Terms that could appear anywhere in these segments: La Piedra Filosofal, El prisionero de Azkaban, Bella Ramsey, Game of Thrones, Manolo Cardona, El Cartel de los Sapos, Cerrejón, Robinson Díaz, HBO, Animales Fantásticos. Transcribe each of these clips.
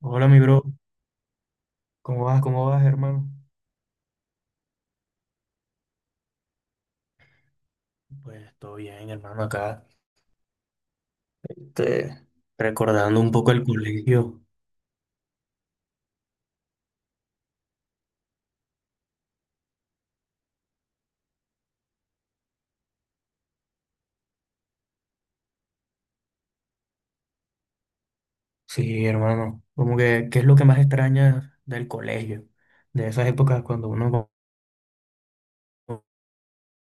Hola, mi bro. ¿Cómo vas? ¿Cómo vas, hermano? Pues todo bien, hermano, acá. Este, Recordando un poco el colegio. Sí, hermano. Como que, ¿qué es lo que más extrañas del colegio? De esas épocas cuando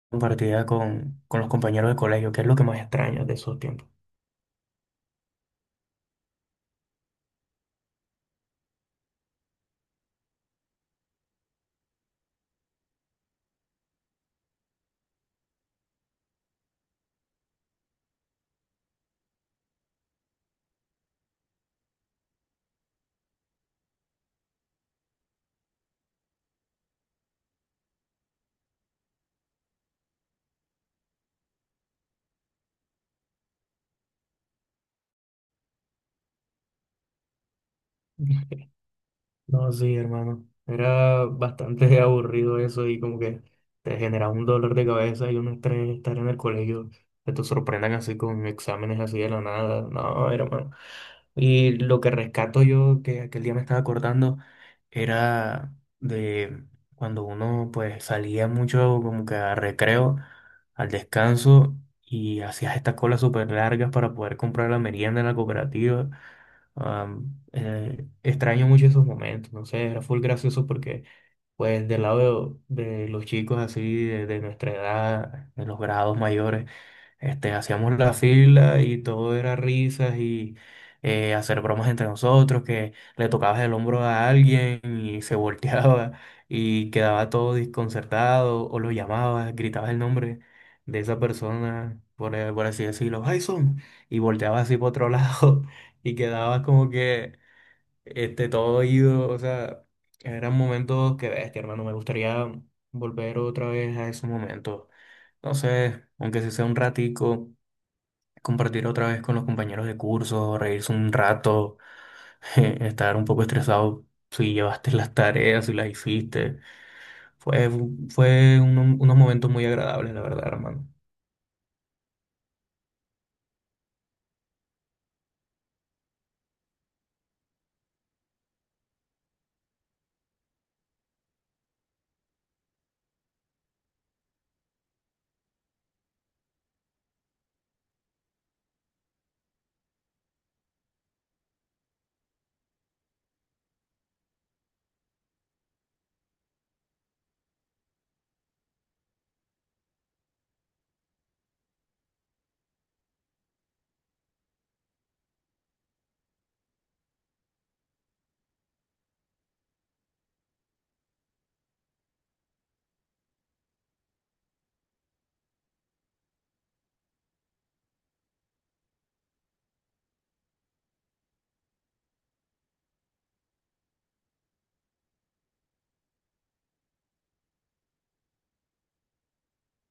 compartía con los compañeros de colegio, ¿qué es lo que más extrañas de esos tiempos? No, sí, hermano. Era bastante aburrido eso y como que te generaba un dolor de cabeza y un estrés estar en el colegio, que te sorprendan así con exámenes así de la nada. No, hermano. Y lo que rescato yo, que aquel día me estaba acordando, era de cuando uno pues salía mucho como que a recreo, al descanso, y hacías estas colas súper largas para poder comprar la merienda en la cooperativa. Extraño mucho esos momentos, no sé, era full gracioso porque, pues, del lado de los chicos así, de nuestra edad, de los grados mayores, hacíamos la fila y todo era risas y hacer bromas entre nosotros, que le tocabas el hombro a alguien y se volteaba y quedaba todo desconcertado, o lo llamabas, gritabas el nombre de esa persona, por así decirlo, Jason, y volteabas así por otro lado y quedabas como que todo ido, o sea, eran momentos que bestia, hermano, me gustaría volver otra vez a esos momentos. Entonces, aunque se sea un ratico, compartir otra vez con los compañeros de curso, reírse un rato, estar un poco estresado si llevaste las tareas, si las hiciste. Fue, fue unos momentos muy agradables, la verdad, hermano.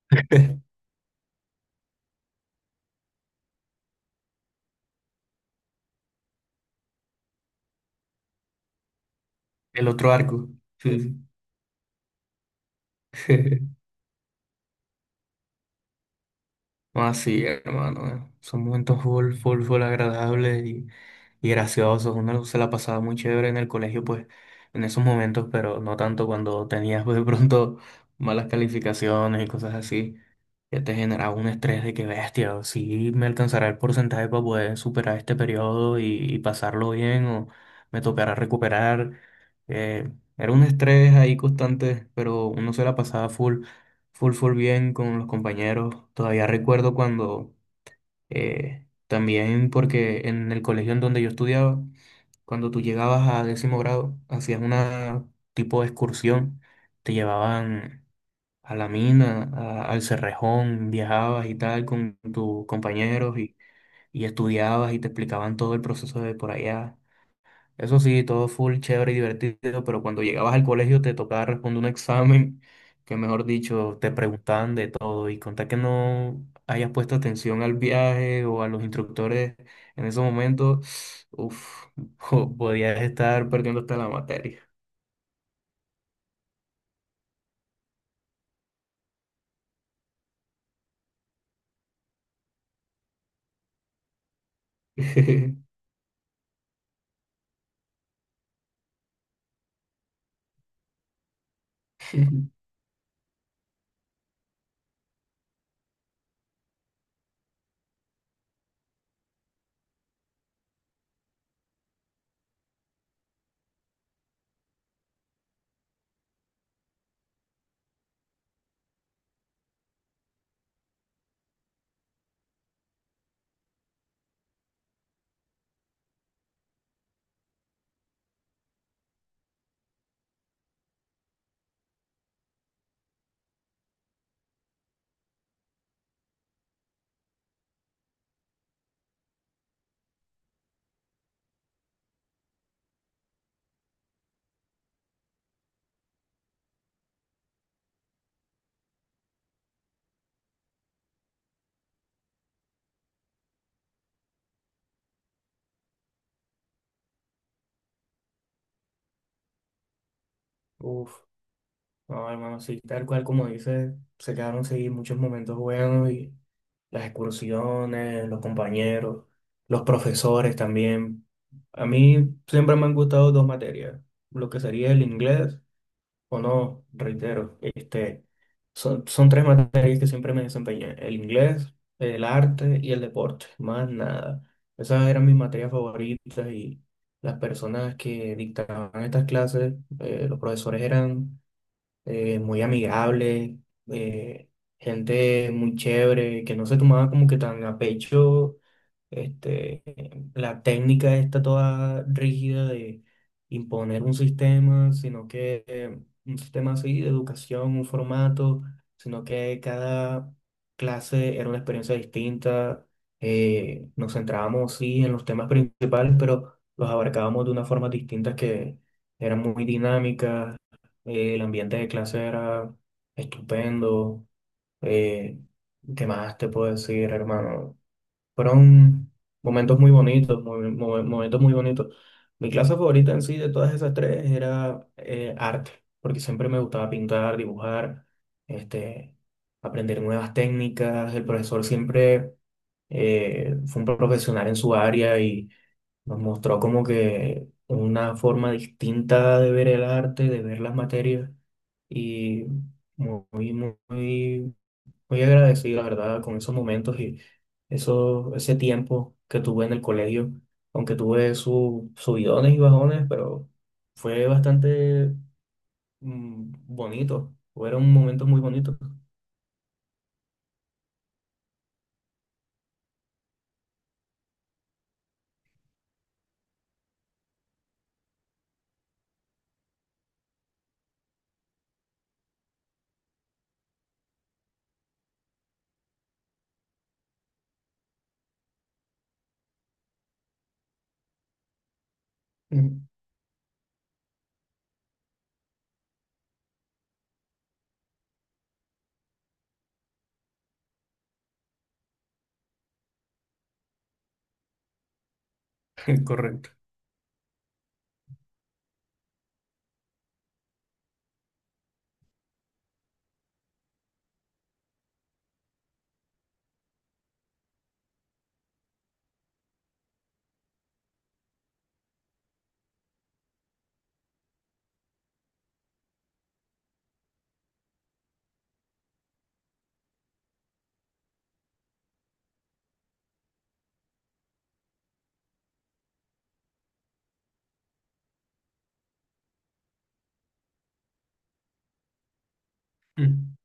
El otro arco. Sí, sí. No, así, hermano. Son momentos full, full, full agradables y graciosos. Uno se la pasaba muy chévere en el colegio, pues, en esos momentos, pero no tanto cuando tenías, pues, de pronto malas calificaciones y cosas así, que te generaba un estrés de que bestia, si me alcanzará el porcentaje para poder superar este periodo y pasarlo bien, o me tocará recuperar. Eh, era un estrés ahí constante, pero uno se la pasaba full. Full, full bien con los compañeros. Todavía recuerdo cuando también porque en el colegio en donde yo estudiaba, cuando tú llegabas a décimo grado, hacías una tipo de excursión, te llevaban a la mina, al Cerrejón, viajabas y tal con tus compañeros y estudiabas y te explicaban todo el proceso de por allá. Eso sí, todo full, chévere y divertido, pero cuando llegabas al colegio te tocaba responder un examen que, mejor dicho, te preguntaban de todo y contar que no hayas puesto atención al viaje o a los instructores en esos momentos, uff, podías estar perdiendo hasta la materia. Uf. No, hermano, sí, tal cual como dices, se quedaron sí muchos momentos buenos y las excursiones, los compañeros, los profesores también. A mí siempre me han gustado dos materias, lo que sería el inglés o no, reitero, son tres materias que siempre me desempeñé, el inglés, el arte y el deporte, más nada. Esas eran mis materias favoritas y las personas que dictaban estas clases, los profesores eran muy amigable, eh, gente muy chévere, que no se tomaba como que tan a pecho este, la técnica está toda rígida de imponer un sistema, sino que un sistema así de educación, un formato, sino que cada clase era una experiencia distinta. Nos centrábamos sí en los temas principales, pero los abarcábamos de una forma distinta que eran muy dinámicas. El ambiente de clase era estupendo. eh, ¿Qué más te puedo decir, hermano? Fueron momentos muy bonitos, momentos muy bonitos. Mi clase favorita en sí de todas esas tres era arte, porque siempre me gustaba pintar, dibujar, este, aprender nuevas técnicas. El profesor siempre fue un profesional en su área y nos mostró como que una forma distinta de ver el arte, de ver las materias y muy, muy, muy agradecido, la verdad, con esos momentos y eso, ese tiempo que tuve en el colegio, aunque tuve sus subidones y bajones, pero fue bastante bonito, fueron momentos muy bonitos. Mm. Correcto. Mm.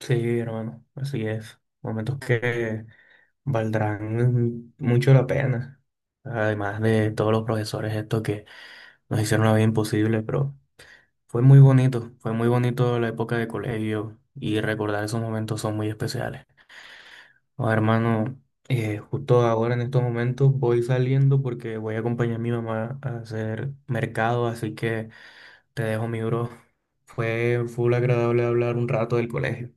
Sí, hermano, así es. Momentos que valdrán mucho la pena. Además de todos los profesores estos que nos hicieron la vida imposible, pero... fue muy bonito la época de colegio y recordar esos momentos son muy especiales. Ahora, hermano, justo ahora en estos momentos voy saliendo porque voy a acompañar a mi mamá a hacer mercado, así que te dejo mi bro. Fue full agradable hablar un rato del colegio.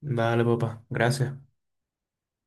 Vale, papá, gracias.